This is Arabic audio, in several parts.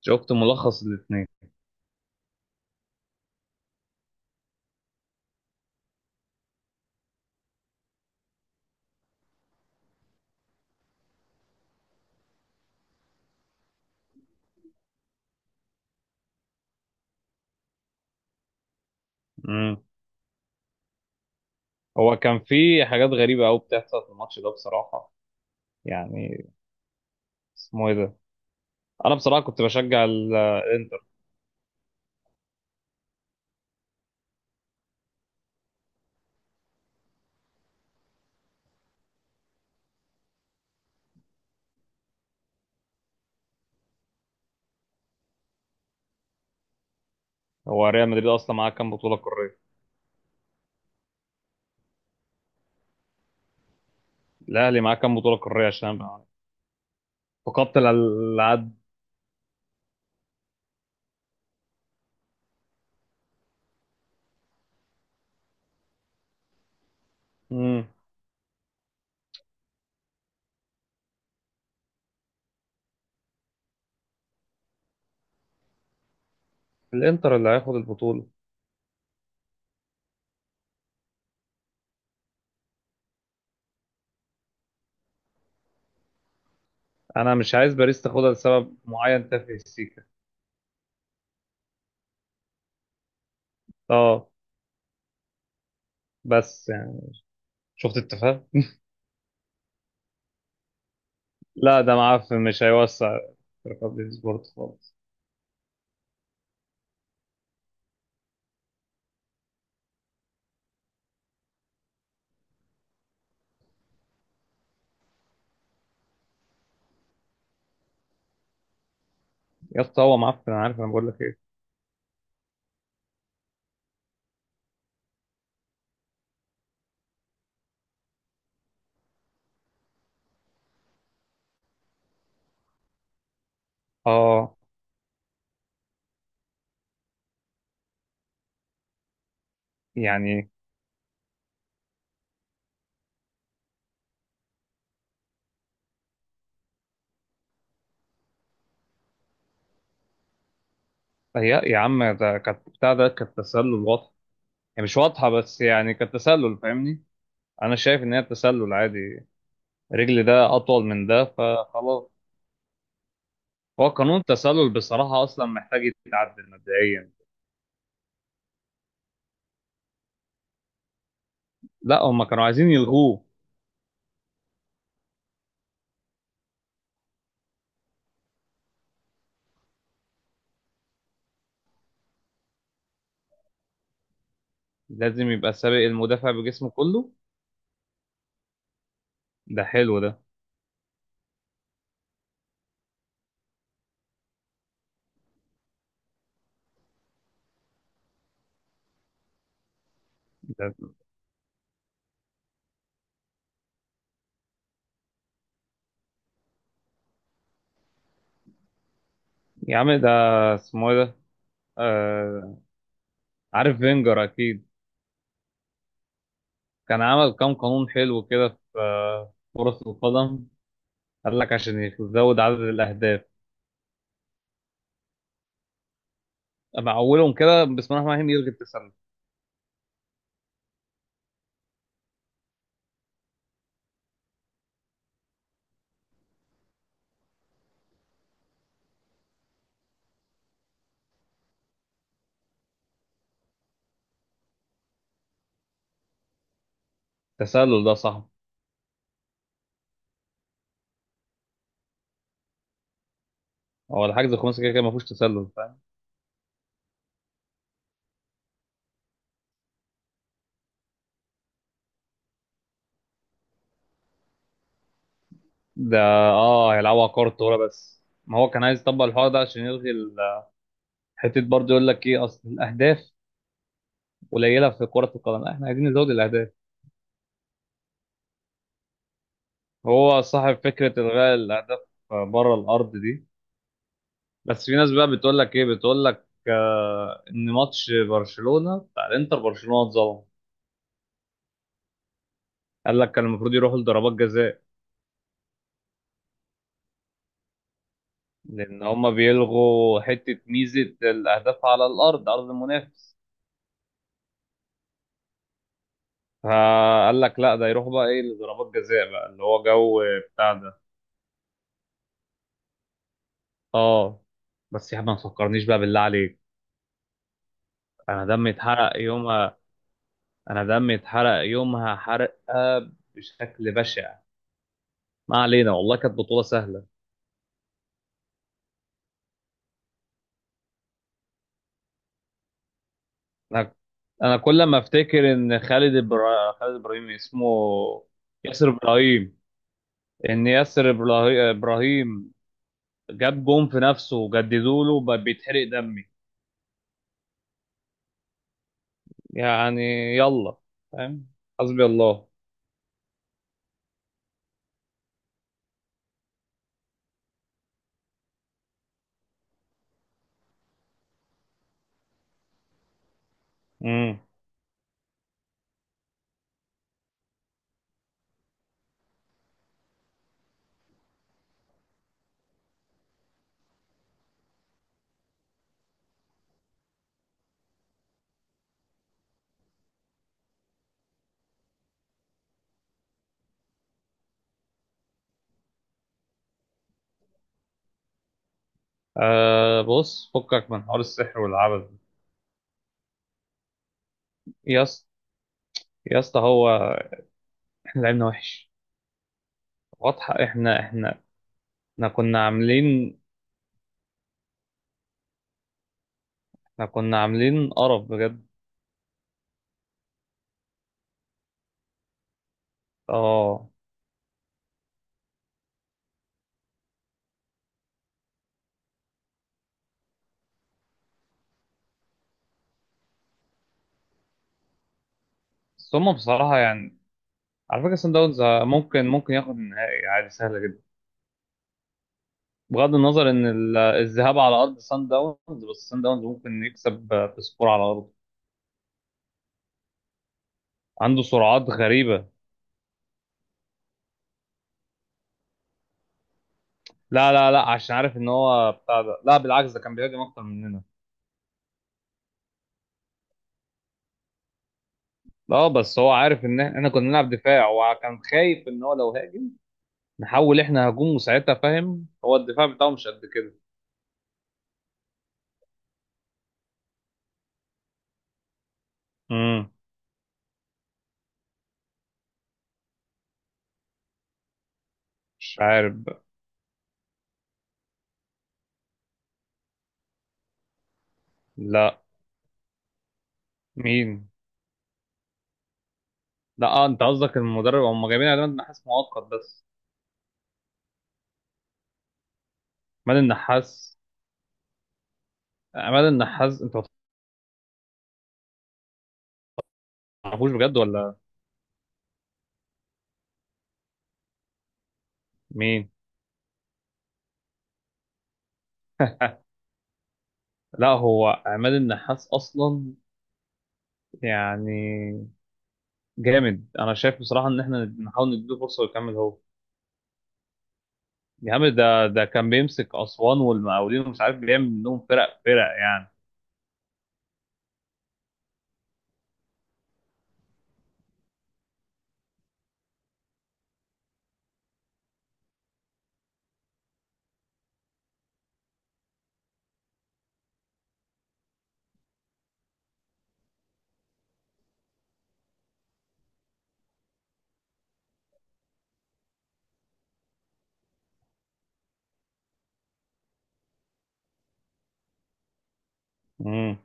شفت ملخص الاثنين. امم هو كان في حاجات غريبة قوي بتحصل في الماتش ده بصراحة. يعني اسمه ايه ده؟ انا بصراحة كنت بشجع الانتر. هو ريال مدريد اصلا معاه كام بطولة قارية؟ الاهلي معاه كام بطولة قارية عشان أبقى فقدت العد. امم الانتر اللي هياخد البطولة. انا مش عايز باريس تاخدها لسبب معين تافه، السيكا. اه، بس يعني شفت التفاهة. لا، ده معفن مش هيوسع. رياض سبورت خالص. يا اسطى هو معفن، انا عارف، انا بقول لك ايه. اه، يعني يا عم ده كانت بتاع، ده كانت تسلل واضح. يعني مش واضحة، بس يعني كانت تسلل، فاهمني؟ أنا شايف إن هي تسلل عادي. رجل ده أطول من ده فخلاص. هو قانون التسلل بصراحة أصلا محتاج يتعدل مبدئيا. لا، هما كانوا عايزين يلغوه. لازم يبقى سابق المدافع بجسمه كله. ده حلو ده. ده. يا عم ده اسمه إيه ده؟ آه... عارف فينجر أكيد. كان عمل كام قانون حلو كده في كرة القدم. قال لك عشان يزود عدد الأهداف، مع اولهم كده بسم الله الرحمن الرحيم يلغي التسلل. التسلل ده صح. هو الحجز الخماسي كده كده ما فيهوش تسلل، فاهم؟ ده اه، هيلعبوا على كره الطاوله. بس ما هو كان عايز يطبق الحوار ده عشان يلغي حته برضه. يقول لك ايه، اصل الاهداف قليله في كره القدم، لا، احنا عايزين نزود الاهداف. هو صاحب فكره الغاء الاهداف بره الارض دي. بس في ناس بقى بتقول لك ايه، بتقول لك آه ان ماتش برشلونه بتاع الانتر برشلونه اتظلم. قال لك كان المفروض يروحوا لضربات جزاء. لأن هما بيلغوا حتة ميزة الأهداف على الأرض، أرض المنافس. فقال لك لا ده يروح بقى إيه لضربات جزاء بقى اللي هو جو بتاع ده. آه، بس يا عم ما تفكرنيش بقى بالله عليك. أنا دمي اتحرق يومها. أنا دمي اتحرق يومها حرقة بشكل بشع. ما علينا، والله كانت بطولة سهلة. أنا أنا كل ما أفتكر إن خالد إبراهيم اسمه، ياسر إبراهيم. إن إبراهيم جاب جون في نفسه وجددوا له بقى بيتحرق دمي. يعني يلا. فاهم؟ حسبي الله. امم آه، بص فكك من حوار السحر والعبث ده. يا اسطى يا اسطى هو احنا لعبنا وحش، واضحه. احنا كنا عاملين، احنا كنا عاملين قرف بجد. اه، بس هما بصراحه يعني. على فكره سان داونز ممكن ياخد النهائي عادي، سهله جدا. بغض النظر ان الذهاب على ارض سان داونز. بس سان داونز ممكن يكسب بسكور على ارضه. عنده سرعات غريبة. لا لا لا، عشان عارف ان هو بتاع ده، لا بالعكس ده كان بيهاجم اكتر مننا. لا، بس هو عارف ان احنا كنا بنلعب دفاع وكان خايف ان هو لو هاجم نحول احنا هجوم، وساعتها فاهم هو الدفاع بتاعه مش قد كده. امم مش عارف بقى. لا. مين؟ لا، اه انت قصدك المدرب، هم جايبين عماد النحاس مؤقت بس. عماد النحاس، عماد النحاس انت ما تعرفوش بجد ولا؟ مين؟ لا هو عماد النحاس اصلا يعني جامد. انا شايف بصراحه ان احنا نحاول نديله فرصه ويكمل هو. يا عم ده كان بيمسك اسوان والمقاولين ومش عارف بيعمل منهم فرق فرق يعني. امم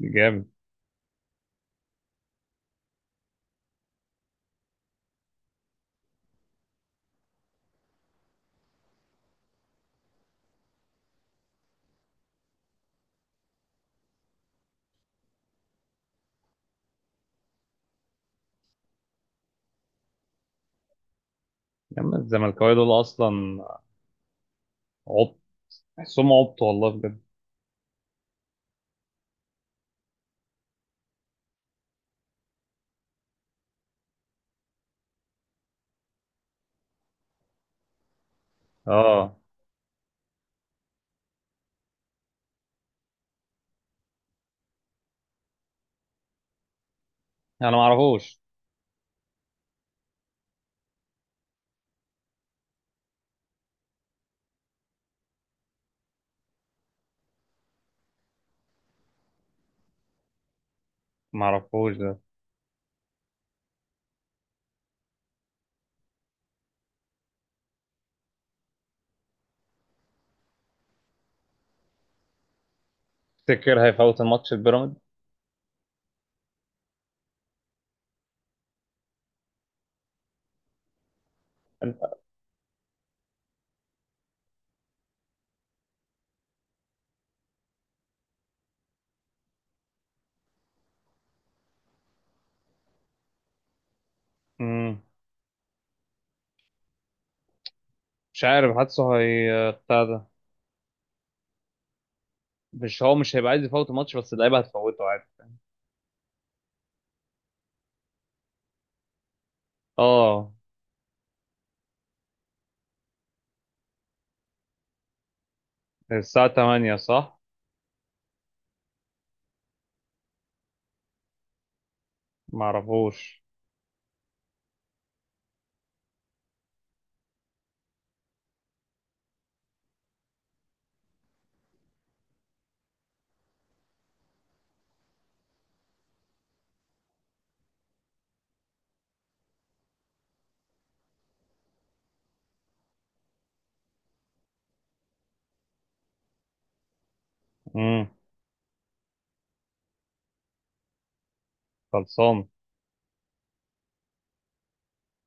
جامد. يا عم الزملكاويه دول اصلا عبط. تحسهم عبط والله بجد. اه، انا ما اعرفوش ده. تفتكر هيفوت الماتش البيراميد؟ امم مش عارف، حاسه هي بتاع ده. مش هو مش هيبقى عايز يفوت الماتش، بس اللعيبه هتفوته عادي. اه. الساعه 8 صح؟ ما اعرفوش. امم خلصان